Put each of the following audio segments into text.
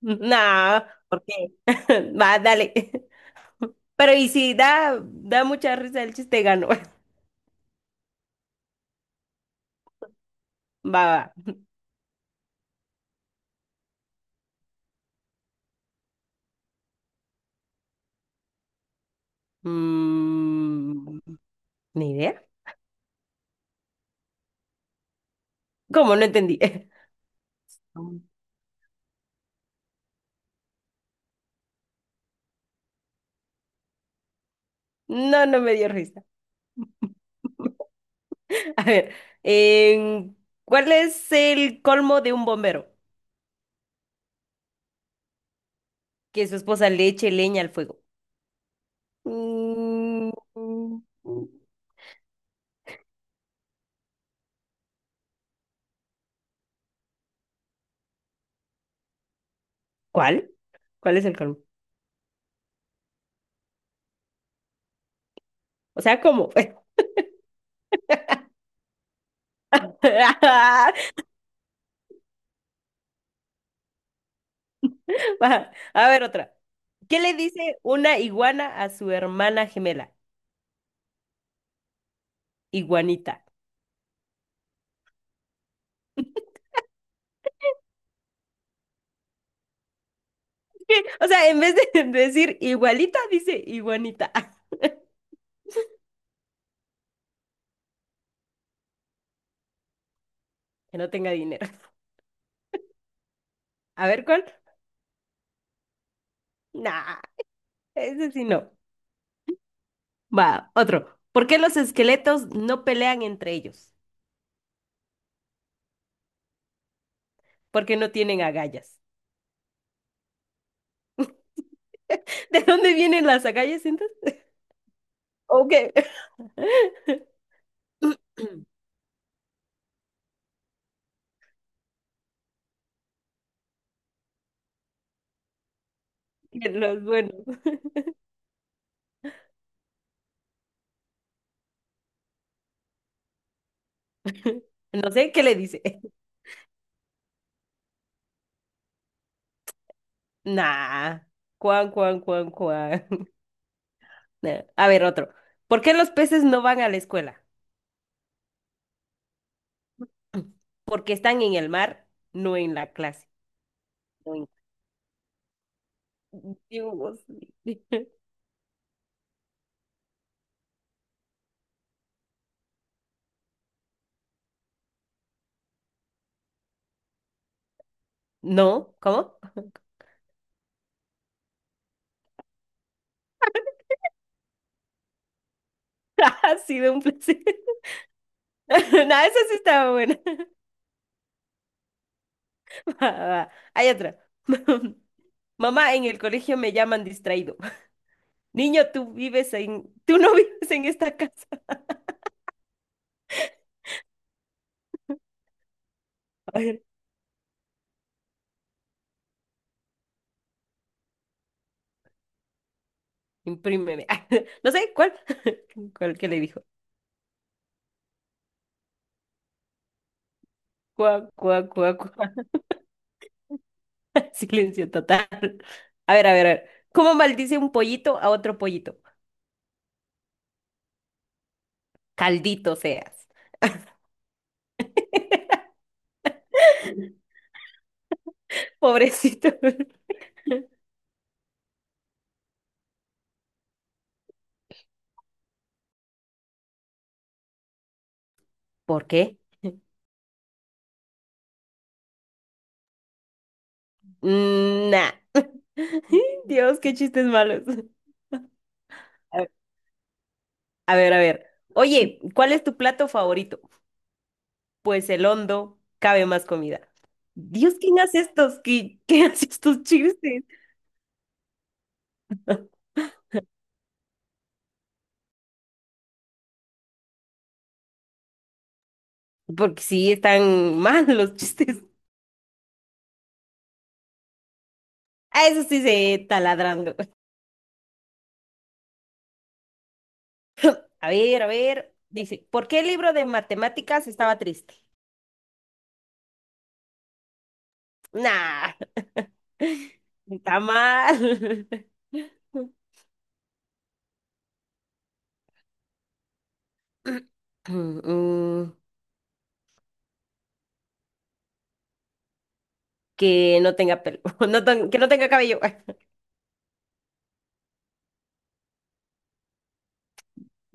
No, ¿por qué? Va, dale. Pero y si da mucha risa el chiste, ganó. Va, va. Mm, ¿ni idea? ¿Cómo? No entendí. No, no me dio risa. A ver, em, ¿cuál es el colmo de un bombero? Que su esposa le eche leña al fuego. Mm, ¿cuál? ¿Cuál es el colmo? O sea, ¿cómo? Va, a ver, otra. ¿Qué le dice una iguana a su hermana gemela? Iguanita. O sea, en vez de decir igualita, dice iguanita. Que no tenga dinero. A ver cuál. Nah, ese sí no. Va, otro. ¿Por qué los esqueletos no pelean entre ellos? Porque no tienen agallas. ¿De dónde vienen las agallas entonces? Ok. De los buenos. No sé qué le dice. Nah. Cuan, cuan, cuan, cuan. A ver, otro. ¿Por qué los peces no van a la escuela? Porque están en el mar, no en la clase. No, en- Dios mío. No, ¿cómo? Ha sido un placer. No, esa sí estaba buena. Va, va. Hay otra. Mamá, en el colegio me llaman distraído. Niño, tú vives en, tú no vives en esta casa. A ver, imprímeme. No sé, ¿cuál? ¿Cuál que le dijo? Cuá, cuá, cuá, cuá. Silencio total. A ver, a ver, a ver. ¿Cómo maldice un pollito a otro pollito? Caldito seas. Pobrecito. ¿Por qué? Mm, nah. Dios, qué chistes malos. A ver, a ver, a ver. Oye, ¿cuál es tu plato favorito? Pues el hondo, cabe más comida. Dios, ¿quién hace estos? ¿Qué hace estos chistes? Porque sí, están mal los chistes. A eso sí se taladrando. A ver, a ver. Dice, ¿por qué el libro de matemáticas estaba triste? Nah, está mal. Mm, que no tenga pelo, no ten- que no tenga cabello.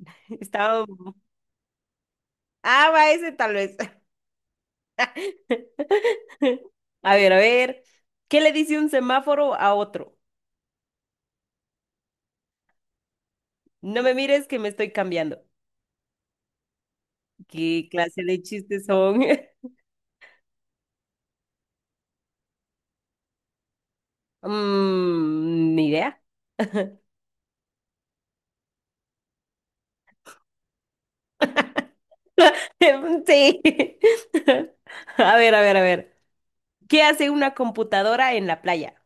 Estaba... Ah, va ese tal vez. A ver, a ver. ¿Qué le dice un semáforo a otro? No me mires que me estoy cambiando. ¿Qué clase de chistes son? Mm, ni idea. Sí. A ver, a ver, a ver. ¿Qué hace una computadora en la playa?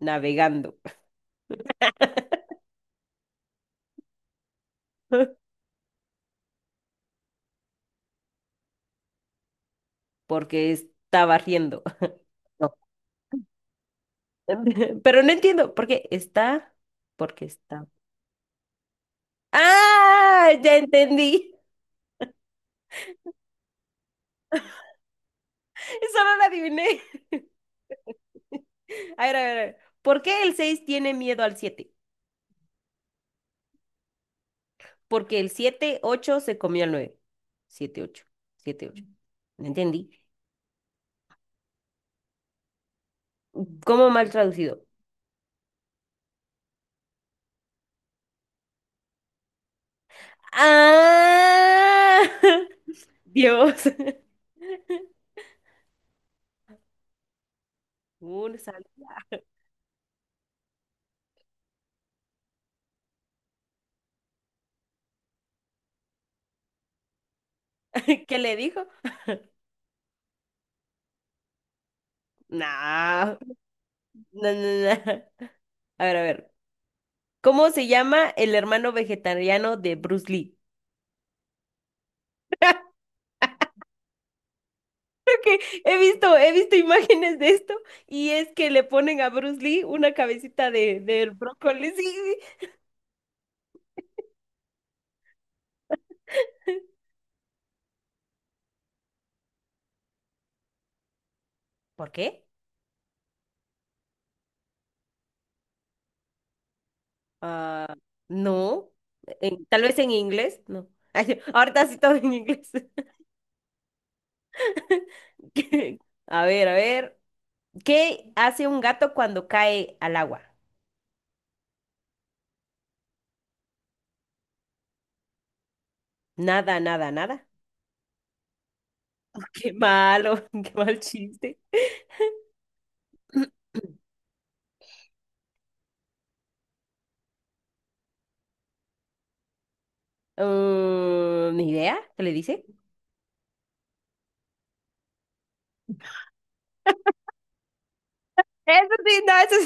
Navegando. Porque está barriendo. No. Pero no entiendo por qué está. ¡Ah! Ya entendí. Eso no lo adiviné. A ver, a ver, a ver. ¿Por qué el 6 tiene miedo al siete? Porque el siete ocho se comió al nueve. Siete ocho, siete ocho, no entendí. ¿Cómo mal traducido? ¡Ah! Dios. Un sal- ¿Qué le dijo? No, no, no, no. A ver, a ver. ¿Cómo se llama el hermano vegetariano de Bruce Lee? He visto imágenes de esto y es que le ponen a Bruce Lee una cabecita de, del brócoli. Sí, sí. ¿Por qué? Ah, no. En- tal vez en inglés, no. Ay, ahorita sí todo en inglés. ¿Qué? A ver, a ver. ¿Qué hace un gato cuando cae al agua? Nada, nada, nada. Qué malo, qué mal chiste. Mm, ni idea, ¿qué le dice? Eso sí, no, eso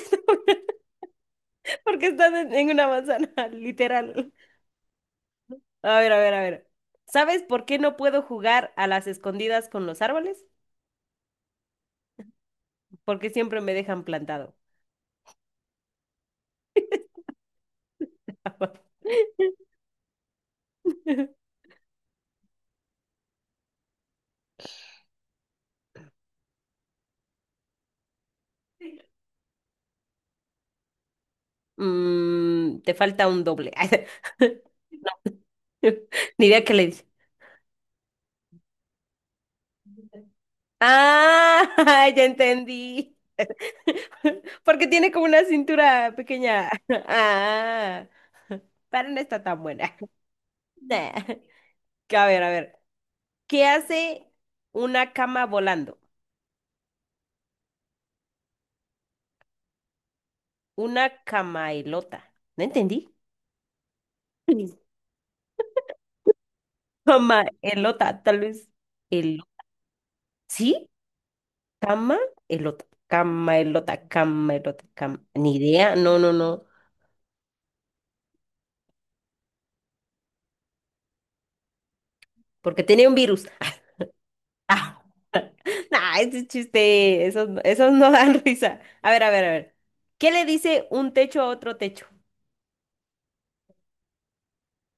sí, porque estás en una manzana, literal. A ver, a ver, a ver. ¿Sabes por qué no puedo jugar a las escondidas con los árboles? Porque siempre me dejan plantado. Mm, te falta un doble. Ni idea qué le dice. Ah, ya entendí. Porque tiene como una cintura pequeña. Ah, pero no está tan buena. Nah. A ver, a ver. ¿Qué hace una cama volando? Una camaelota. No entendí. Camaelota, tal vez. El... ¿Sí? Camaelota. Camaelota, camaelota, cam... Ni idea. No, no, no. Porque tenía un virus. Ah, nah, ese chiste. Esos no dan risa. A ver, a ver, a ver. ¿Qué le dice un techo a otro techo?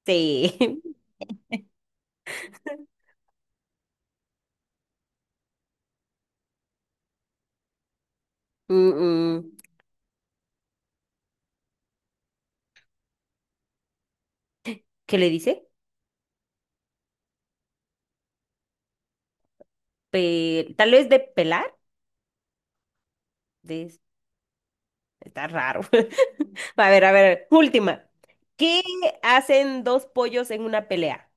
Sí. Mm, mm, ¿qué le dice? Pe- Tal vez de pelar. De... Está raro. A ver, a ver. Última. ¿Qué hacen dos pollos en una pelea?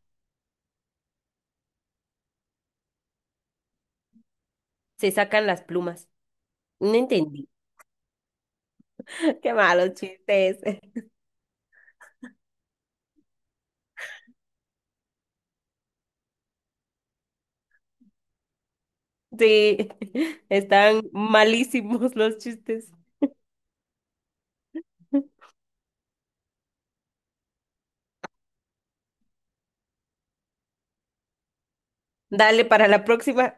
Se sacan las plumas. No entendí. Qué malos chistes. Sí, están malísimos los chistes. Dale para la próxima.